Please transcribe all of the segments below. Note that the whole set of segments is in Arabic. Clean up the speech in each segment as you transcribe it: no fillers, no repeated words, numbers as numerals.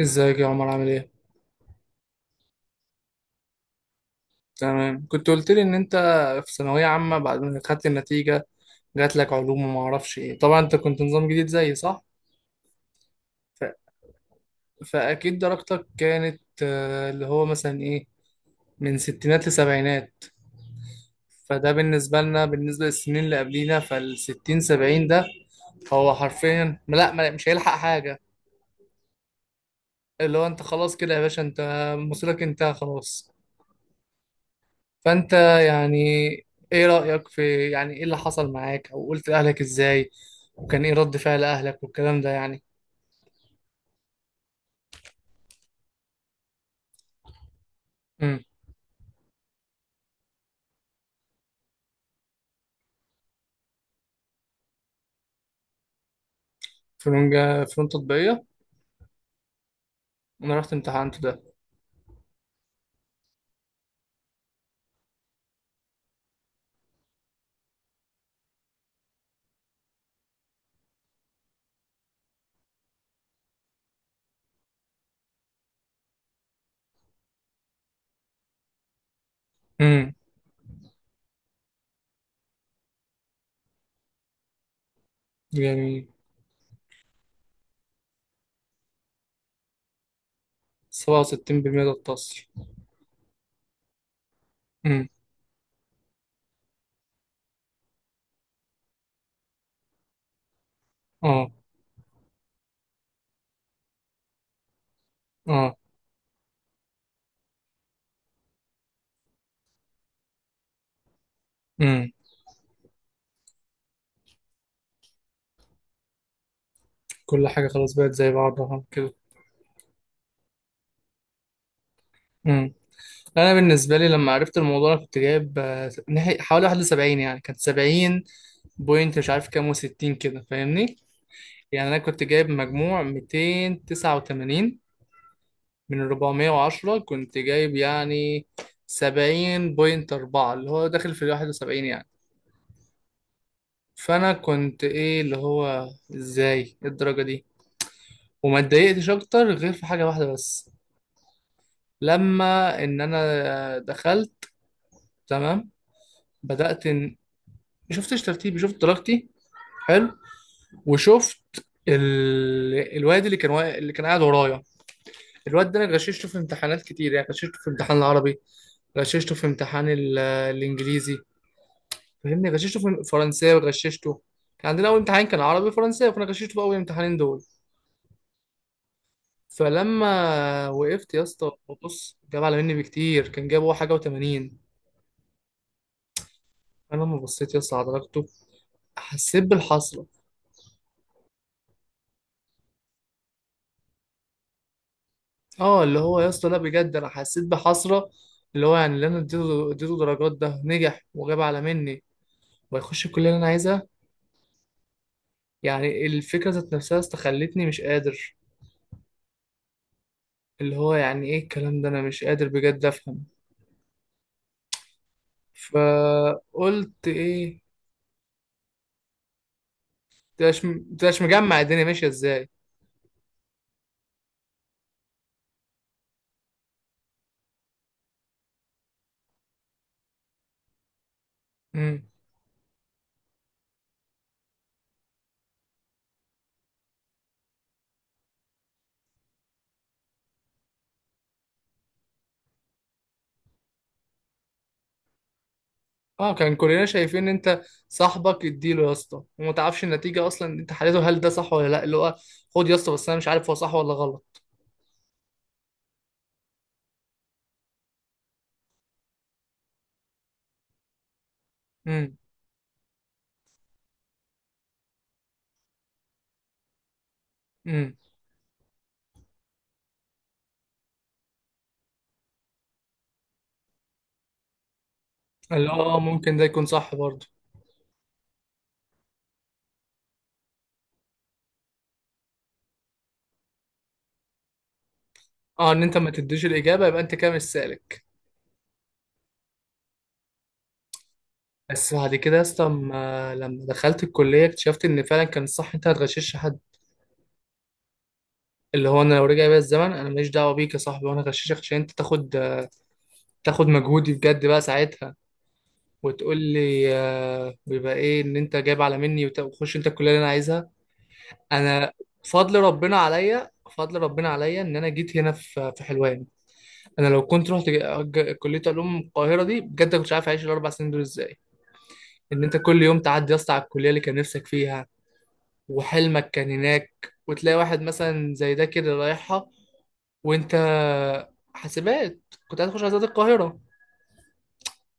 ازيك يا عمر، عامل ايه؟ تمام. كنت قلت لي ان انت في ثانوية عامة، بعد ما خدت النتيجة جات لك علوم وما اعرفش ايه. طبعا انت كنت نظام جديد زيي، صح؟ ف... فاكيد درجتك كانت اللي هو مثلا ايه، من ستينات لسبعينات. فده بالنسبة لنا، بالنسبة للسنين اللي قبلينا، فالستين سبعين ده هو حرفيا لا، مش هيلحق حاجة. اللي هو انت خلاص كده يا باشا، انت مصيرك انتهى خلاص. فانت يعني، ايه رأيك في، يعني، ايه اللي حصل معاك، او قلت لأهلك ازاي، وكان ايه رد فعل اهلك والكلام ده، يعني. امم. فنون تطبيقية. انا رحت امتحنت ده. امم. جميل. 67% ده التصل. امم. اه. اه. امم. كل حاجة خلاص بقت زي بعضها كده. امم. انا بالنسبة لي لما عرفت الموضوع، انا كنت جايب حوالي 71، يعني كانت سبعين بوينت مش عارف كام وستين كده، فاهمني. يعني انا كنت جايب مجموع 289 من 410، كنت جايب يعني 70.4 اللي هو داخل في ال 71، يعني. فأنا كنت إيه، اللي هو إزاي، إيه الدرجة دي؟ وما اتضايقتش أكتر غير في حاجة واحدة بس، لما إن أنا دخلت، تمام، بدأت إن، شفتش ترتيبي، شفت درجتي، حلو، وشفت الواد اللي كان قاعد ورايا. الواد ده أنا غششته في امتحانات كتير، يعني غششته في امتحان العربي، غششته في امتحان الإنجليزي، فاهمني، غششته في فرنساوي، غششته. كان عندنا اول امتحان كان عربي فرنساوي، فانا غششته في اول امتحانين دول. فلما وقفت يا اسطى، بص، جاب على مني بكتير، كان جاب هو حاجه و80. انا لما بصيت يا اسطى على درجته حسيت بالحسره. اه، اللي هو يا اسطى، لا بجد، انا حسيت بحسره، اللي هو يعني اللي انا اديته درجات، ده نجح وجاب على مني ويخش الكليه اللي انا عايزها. يعني الفكره ذات نفسها يا اسطى خلتني مش قادر. اللي هو يعني، ايه الكلام ده؟ انا مش قادر بجد افهم. فقلت ايه، تبقاش تبقاش مجمع الدنيا ماشيه ازاي. امم. اه، كان كلنا شايفين ان انت صاحبك اديله يا اسطى، وما تعرفش النتيجه اصلا انت حليته، هل ده صح ولا لا، اللي هو خد يا اسطى، بس انا مش عارف هو صح ولا غلط. امم. امم. اللي هو ممكن ده يكون صح برضه. اه، ان انت ما تديش الاجابه يبقى انت كده مش سالك. بس بعد كده يا اسطى، لما دخلت الكليه اكتشفت ان فعلا كان الصح انت ما تغشش حد. اللي هو انا لو رجع بيا الزمن، انا ماليش دعوه بيك يا صاحبي، وانا غششك عشان انت تاخد مجهودي بجد، بقى ساعتها وتقول لي ويبقى ايه ان انت جايب على مني، وتخش انت الكليه اللي انا عايزها. انا فضل ربنا عليا، فضل ربنا عليا ان انا جيت هنا في حلوان. انا لو كنت رحت كليه علوم القاهره دي، بجد كنت عارف اعيش الاربع سنين دول ازاي؟ ان انت كل يوم تعدي يا اسطى على الكليه اللي كان نفسك فيها وحلمك كان هناك، وتلاقي واحد مثلا زي ده كده رايحها، وانت حاسبات، كنت عايز تخش عايزات القاهره.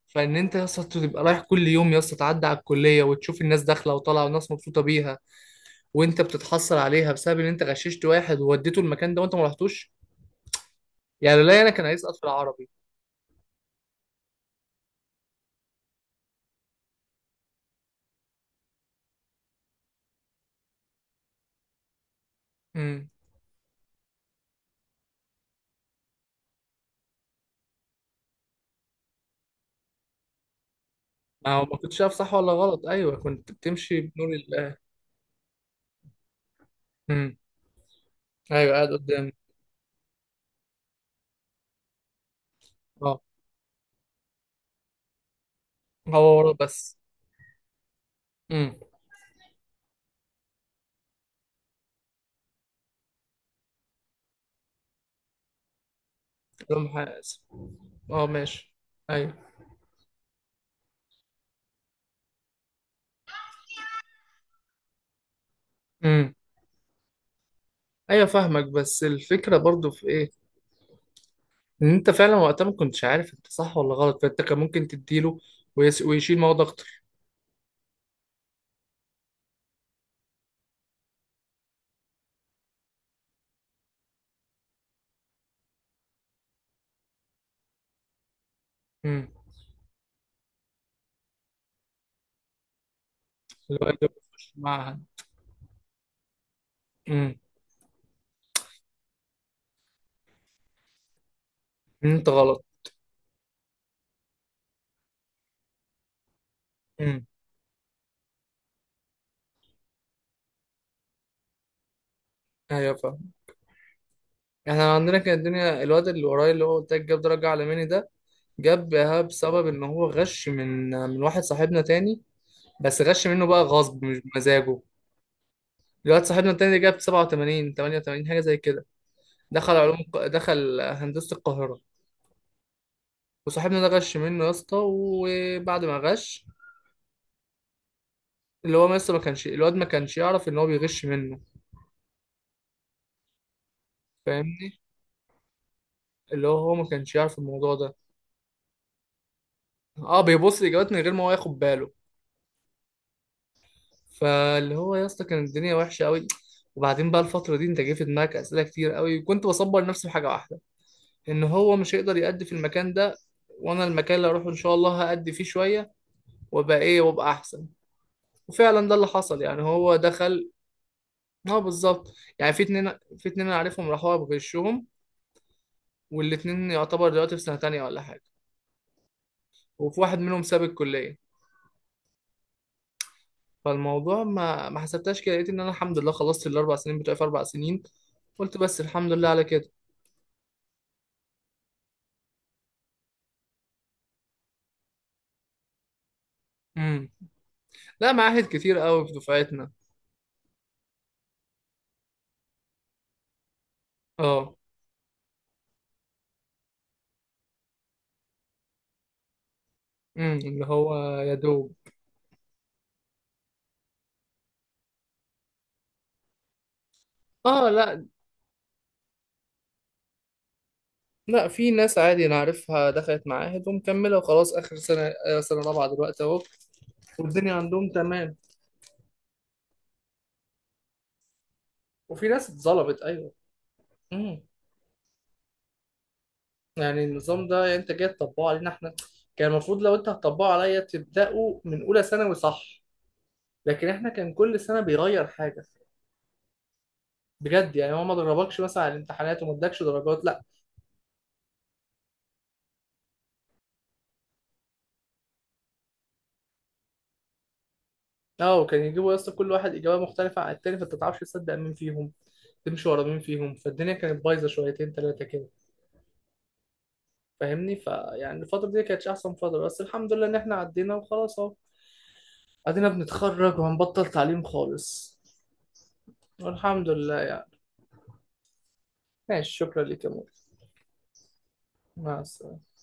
فان انت يا اسطى تبقى رايح كل يوم يا اسطى، تعدي على الكليه وتشوف الناس داخله وطالعه والناس مبسوطه بيها، وانت بتتحصل عليها بسبب ان انت غششت واحد ووديته المكان ده وانت ما رحتوش. يعني لا، انا كان هيسقط في العربي. امم. ما هو ما كنتش عارف صح ولا غلط، ايوه، كنت بتمشي بنور الله. امم. ايوه، قاعد قدامي. اه، هو ورا بس. امم. لهم حاسب. اه، ماشي. ايوه. امم. ايوه فاهمك، بس الفكره برضو في ايه، ان انت فعلا وقتها ما كنتش عارف انت صح ولا غلط، فانت كان ممكن تديله ويشيل مواد اكتر. امم. اللي هو انت بتخش معهد. امم. انت غلط. امم. ايوه فاهم. احنا عندنا كانت الدنيا، الواد اللي ورايا اللي هو قلت لك جاب درجه عالماني ده، جابها بسبب ان هو غش من واحد صاحبنا تاني، بس غش منه بقى غصب مش بمزاجه. الواد صاحبنا التاني ده جاب 87 88 حاجه زي كده، دخل هندسه القاهره. وصاحبنا ده غش منه يا اسطى، وبعد ما غش، اللي هو لسه ما كانش يعرف ان هو بيغش منه، فاهمني. اللي هو ما كانش يعرف الموضوع ده. اه، بيبص الاجابات من غير ما هو ياخد باله. فاللي هو يا اسطى كانت الدنيا وحشه قوي. وبعدين بقى الفتره دي انت جه في دماغك اسئله كتير قوي، كنت بصبر نفسي بحاجه واحده، ان هو مش هيقدر يأدي في المكان ده، وانا المكان اللي اروحه ان شاء الله هأدي فيه شويه وابقى ايه، وابقى احسن. وفعلا ده اللي حصل يعني، هو دخل. اه بالظبط. يعني في اتنين انا عارفهم راحوا بغشهم، والاتنين يعتبر دلوقتي في سنه تانية ولا حاجه، وفي واحد منهم ساب الكليه. فالموضوع ما حسبتهاش كده، لقيت ان انا الحمد لله خلصت الاربع سنين بتوعي في اربع سنين. قلت بس الحمد لله على كده. امم. لا، معاهد كتير قوي في دفعتنا. اه. امم. اللي هو يا دوب. اه، لا لا، في ناس عادي انا عارفها دخلت معاهد ومكمله وخلاص اخر سنه، سنه رابعه دلوقتي اهو، والدنيا عندهم تمام. وفي ناس اتظلمت، ايوه. امم. يعني النظام ده، يعني انت جاي تطبقه علينا احنا، كان المفروض لو انت هتطبقه عليا تبداه من اولى ثانوي، صح؟ لكن احنا كان كل سنه بيغير حاجه، بجد. يعني هو ما دربكش مثلا على الامتحانات وما ادكش درجات، لا. اه، وكان يجيبوا يا اسطى كل واحد اجابه مختلفه عن التاني، فانت ما تعرفش تصدق مين فيهم، تمشي ورا مين فيهم. فالدنيا كانت بايظه شويتين ثلاثه كده، فاهمني. فيعني الفتره دي كانتش احسن فتره، بس الحمد لله ان احنا عدينا وخلاص، اهو ادينا بنتخرج وهنبطل تعليم خالص. والحمد لله يعني. ماشي، شكرا لك يا مول. مع السلامه.